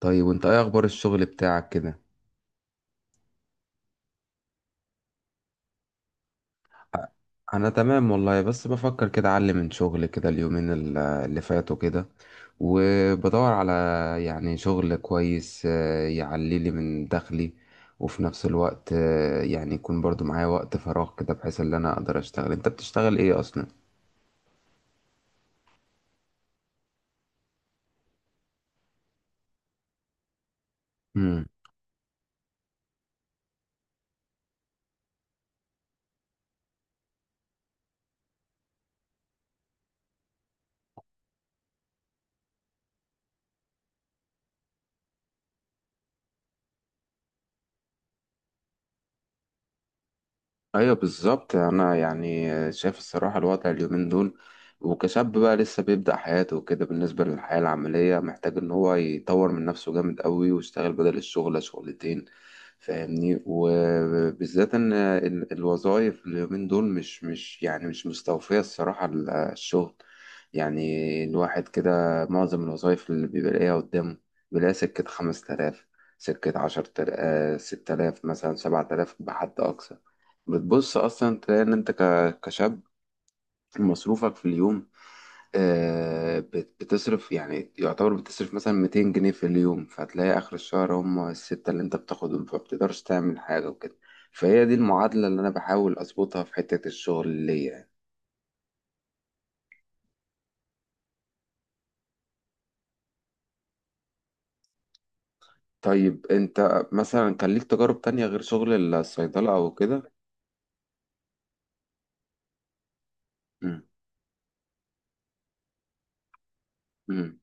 طيب، وانت ايه اخبار الشغل بتاعك كده؟ انا تمام والله، بس بفكر كده اعلم من شغل كده اليومين اللي فاتوا كده، وبدور على يعني شغل كويس، يعلي لي من دخلي، وفي نفس الوقت يعني يكون برضو معايا وقت فراغ كده بحيث ان انا اقدر اشتغل. انت بتشتغل ايه اصلا؟ ايوه بالظبط. انا يعني شايف الصراحه الوضع اليومين دول، وكشاب بقى لسه بيبدأ حياته وكده بالنسبه للحياه العمليه، محتاج ان هو يطور من نفسه جامد قوي ويشتغل بدل الشغل شغلتين، فاهمني؟ وبالذات ان الوظائف اليومين دول مش يعني مش مستوفيه الصراحه، الشغل يعني، الواحد كده معظم الوظائف اللي بيبقى لاقيها قدامه بيلاقيها سكه 5000، سكه 10000، 6000 مثلا، 7000 بحد اقصى. بتبص اصلا تلاقي ان انت كشاب، مصروفك في اليوم بتصرف، يعني يعتبر بتصرف مثلا 200 جنيه في اليوم، فتلاقي اخر الشهر هم الستة اللي انت بتاخدهم، فما بتقدرش تعمل حاجة وكده. فهي دي المعادلة اللي انا بحاول اظبطها في حتة الشغل اللي يعني. طيب، انت مثلا كان ليك تجارب تانية غير شغل الصيدلة او كده؟ امم.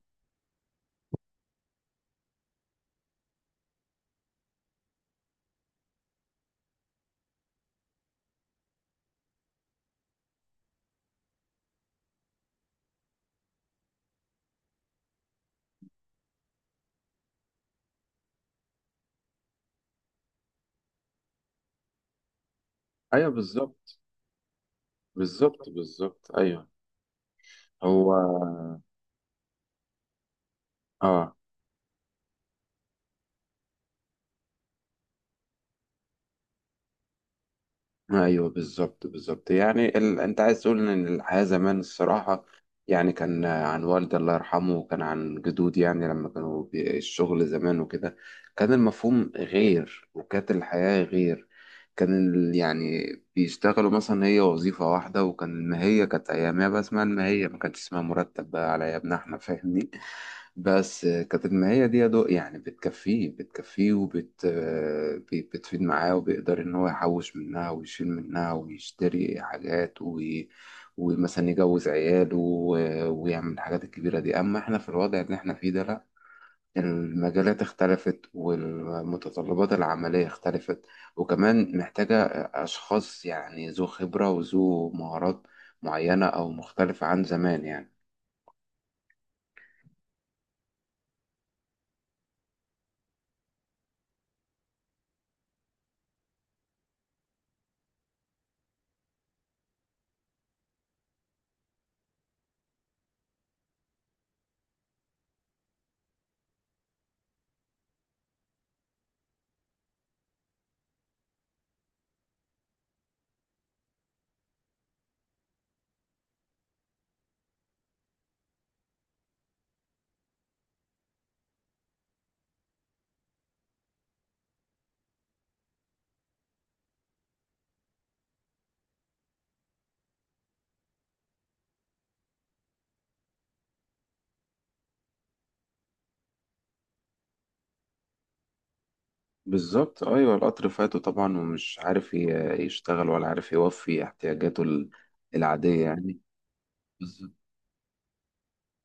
ايوه بالظبط. بالظبط، بالظبط، ايوه. هو. اه. ايوه بالظبط، بالظبط، يعني انت عايز تقول ان الحياه زمان الصراحه، يعني كان عن والدي الله يرحمه، وكان عن جدودي، يعني لما كانوا الشغل زمان وكده، كان المفهوم غير وكانت الحياه غير، كان يعني بيشتغلوا مثلا هي وظيفة واحدة، وكان المهية كانت أيامها بقى اسمها المهية، ما كانتش اسمها مرتب بقى على أيامنا إحنا، فاهمني؟ بس كانت المهية دي يا دوق يعني بتكفيه بتكفيه، وبت آه، بي- بتفيد معاه، وبيقدر إن هو يحوش منها ويشيل منها ويشتري حاجات، ومثلا يجوز عياله ويعمل الحاجات الكبيرة دي. أما إحنا في الوضع اللي إحنا فيه ده، لأ، المجالات اختلفت والمتطلبات العملية اختلفت، وكمان محتاجة أشخاص يعني ذو خبرة وذو مهارات معينة أو مختلفة عن زمان يعني. بالظبط، أيوة، القطر فاته طبعا ومش عارف يشتغل، ولا عارف يوفي احتياجاته العادية يعني. بالظبط،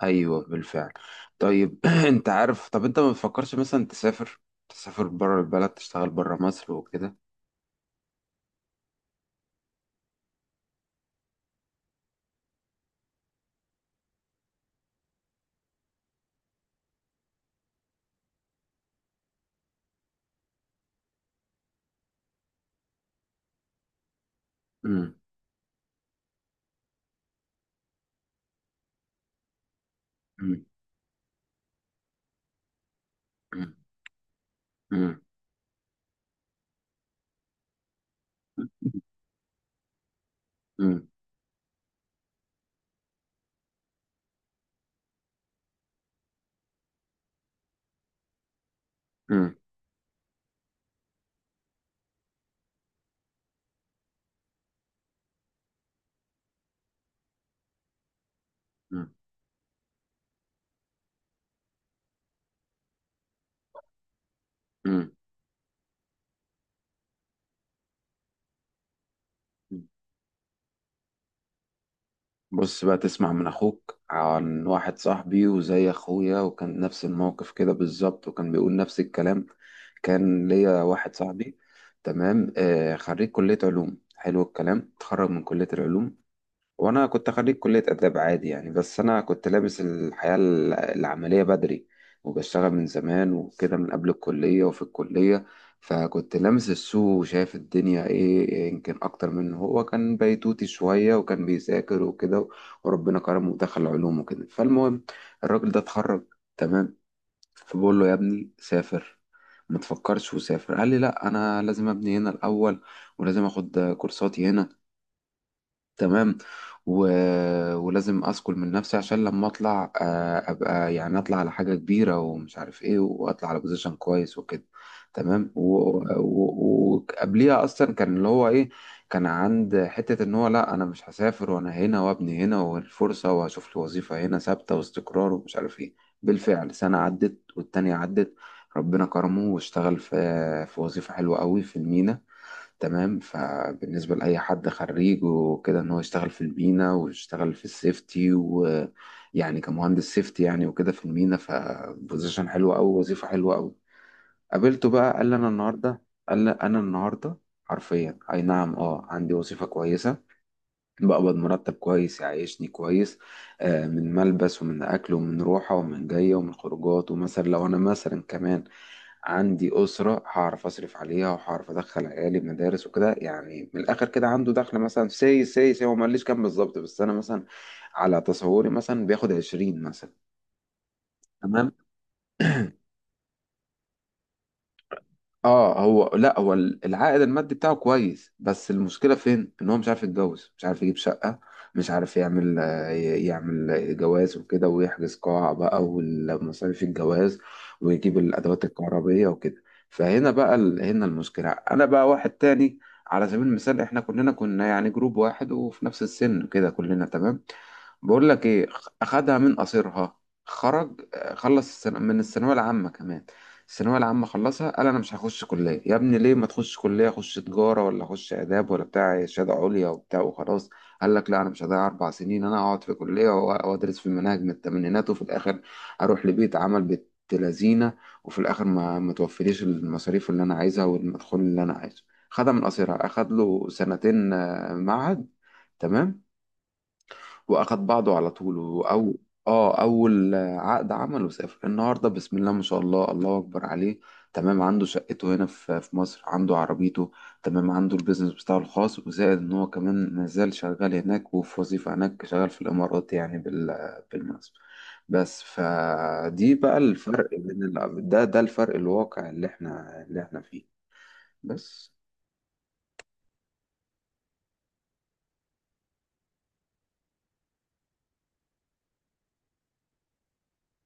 أيوة، بالفعل. طيب، أنت عارف، طب أنت ما بتفكرش مثلا تسافر بره البلد، تشتغل بره مصر وكده؟ امم. امم. امم. مم. مم. مم. مم. بص بقى تسمع من اخوك عن واحد صاحبي وزي اخويا، وكان نفس الموقف كده بالظبط، وكان بيقول نفس الكلام. كان ليا واحد صاحبي، تمام، خريج كلية علوم، حلو الكلام، اتخرج من كلية العلوم. وانا كنت خريج كلية اداب عادي يعني، بس انا كنت لابس الحياة العملية بدري، وبشتغل من زمان وكده، من قبل الكلية وفي الكلية، فكنت لامس السوق وشايف الدنيا ايه، يمكن اكتر من هو. كان بيتوتي شوية وكان بيذاكر وكده، وربنا كرمه ودخل علوم وكده. فالمهم، الراجل ده اتخرج، تمام، فبقول له يا ابني سافر، ما تفكرش وسافر. قال لي لا، انا لازم ابني هنا الاول، ولازم اخد كورساتي هنا، تمام، و... ولازم اسكل من نفسي عشان لما اطلع ابقى يعني، اطلع على حاجه كبيره ومش عارف ايه، واطلع على بوزيشن كويس وكده، تمام. وقبليها وقبليها اصلا، كان اللي هو ايه، كان عند حته ان هو لا، انا مش هسافر، وانا هنا وابني هنا والفرصه، وهشوف لي وظيفه هنا ثابته واستقرار ومش عارف ايه. بالفعل سنه عدت والتانية عدت، ربنا كرمه واشتغل في وظيفه حلوه قوي في المينا. تمام، فبالنسبة لأي حد خريج وكده، إن هو يشتغل في المينا ويشتغل في السيفتي، ويعني كمهندس سيفتي يعني وكده في المينا، فبوزيشن حلوة أوي، وظيفة حلوة أوي. قابلته بقى، قال لي أنا النهاردة حرفيا، أي نعم أه، عندي وظيفة كويسة، بقبض مرتب كويس يعيشني كويس، من ملبس ومن أكل ومن روحة ومن جاية ومن خروجات، ومثلا لو أنا مثلا كمان عندي أسرة، هعرف أصرف عليها، وهعرف أدخل عيالي مدارس وكده، يعني من الآخر كده عنده دخل مثلا سي سي سي هو ما قاليش كام بالظبط، بس أنا مثلا على تصوري مثلا بياخد 20 مثلا. تمام. اه هو لا، هو العائد المادي بتاعه كويس، بس المشكله فين؟ ان هو مش عارف يتجوز، مش عارف يجيب شقه، مش عارف يعمل جواز وكده، ويحجز قاعه بقى والمصاريف الجواز، ويجيب الادوات الكهربائيه وكده. فهنا بقى هنا المشكله. انا بقى واحد تاني، على سبيل المثال احنا كلنا كنا يعني جروب واحد وفي نفس السن كده كلنا، تمام. بقول لك ايه، اخدها من قصيرها، خرج خلص السنة من الثانويه العامه، كمان الثانويه العامه خلصها، قال انا مش هخش كليه. يا ابني ليه ما تخش كليه؟ اخش تجاره ولا اخش اداب، ولا بتاع شهاده عليا وبتاع وخلاص. قال لك لا، انا مش هضيع 4 سنين، انا هقعد في كليه وادرس في مناهج من الثمانينات، وفي الاخر اروح لبيت عمل بنت لذينه، وفي الاخر ما توفريش المصاريف اللي انا عايزها والمدخول اللي انا عايزه. خدها من قصيرها، اخد له سنتين معهد، تمام، واخد بعضه على طول، او اه اول عقد عمله سافر النهارده، بسم الله ما شاء الله، الله اكبر عليه. تمام، عنده شقته هنا في مصر، عنده عربيته، تمام، عنده البيزنس بتاعه الخاص، وزائد ان هو كمان مازال شغال هناك، وفي وظيفة هناك، شغال في الامارات يعني بالمناسبة. بس فدي بقى الفرق بين ده الفرق الواقع اللي احنا فيه. بس.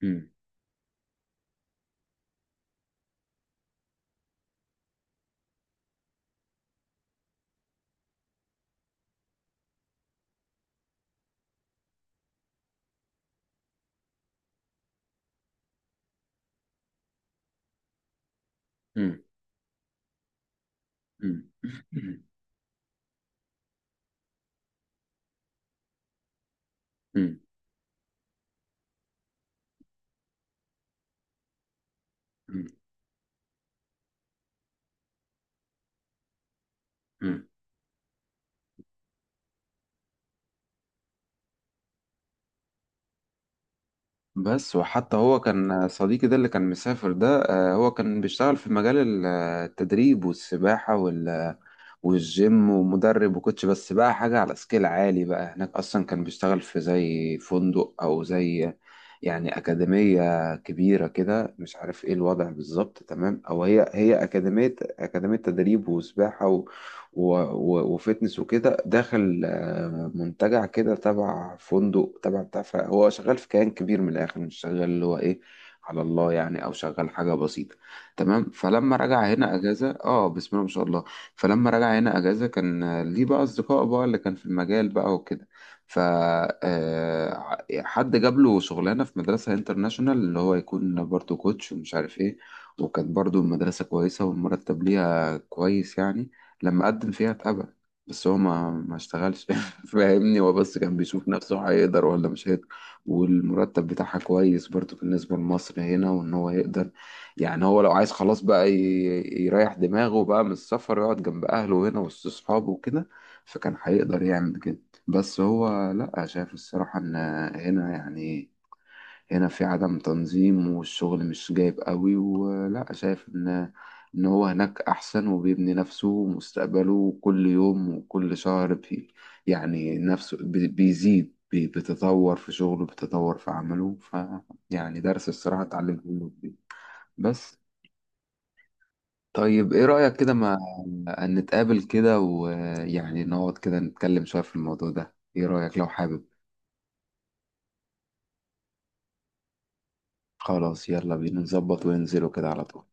مم. مم. مم. مم. مم. مم. بس، وحتى هو كان صديقي ده اللي كان مسافر ده، هو كان بيشتغل في مجال التدريب والسباحة والجيم ومدرب وكوتش، بس بقى حاجة على سكيل عالي بقى هناك. أصلا كان بيشتغل في زي فندق، أو زي يعني أكاديمية كبيرة كده، مش عارف إيه الوضع بالظبط، تمام. أو هي أكاديمية تدريب وسباحة و و و وفتنس وكده، داخل منتجع كده تبع فندق تبع بتاع، هو شغال في كيان كبير، من الآخر مش شغال اللي هو إيه، على الله يعني، أو شغال حاجة بسيطة. تمام، فلما رجع هنا أجازة آه، بسم الله ما شاء الله. فلما رجع هنا اجازه كان ليه بقى اصدقاء بقى اللي كان في المجال بقى وكده، ف آه، حد جاب له شغلانه في مدرسه انترناشونال، اللي هو يكون برضه كوتش ومش عارف ايه، وكانت برضه المدرسه كويسه والمرتب ليها كويس يعني، لما قدم فيها اتقبل، بس هو ما اشتغلش. فاهمني، هو بس كان بيشوف نفسه هيقدر ولا مش هيقدر، والمرتب بتاعها كويس برضه بالنسبة لمصر هنا، وإن هو يقدر يعني، هو لو عايز خلاص بقى يريح دماغه بقى من السفر، يقعد جنب أهله هنا وسط أصحابه وكده، فكان هيقدر يعمل كده. بس هو لأ، شايف الصراحة إن هنا يعني، هنا في عدم تنظيم والشغل مش جايب قوي، ولأ شايف إن هو هناك أحسن، وبيبني نفسه ومستقبله كل يوم وكل شهر يعني نفسه بيزيد بيتطور في شغله، بيتطور في عمله، فيعني درس الصراحة اتعلمته منه كتير. بس، طيب ايه رأيك كده، ما أن نتقابل كده، ويعني نقعد كده نتكلم شوية في الموضوع ده؟ ايه رأيك لو حابب؟ خلاص، يلا بينا نظبط وننزله كده على طول.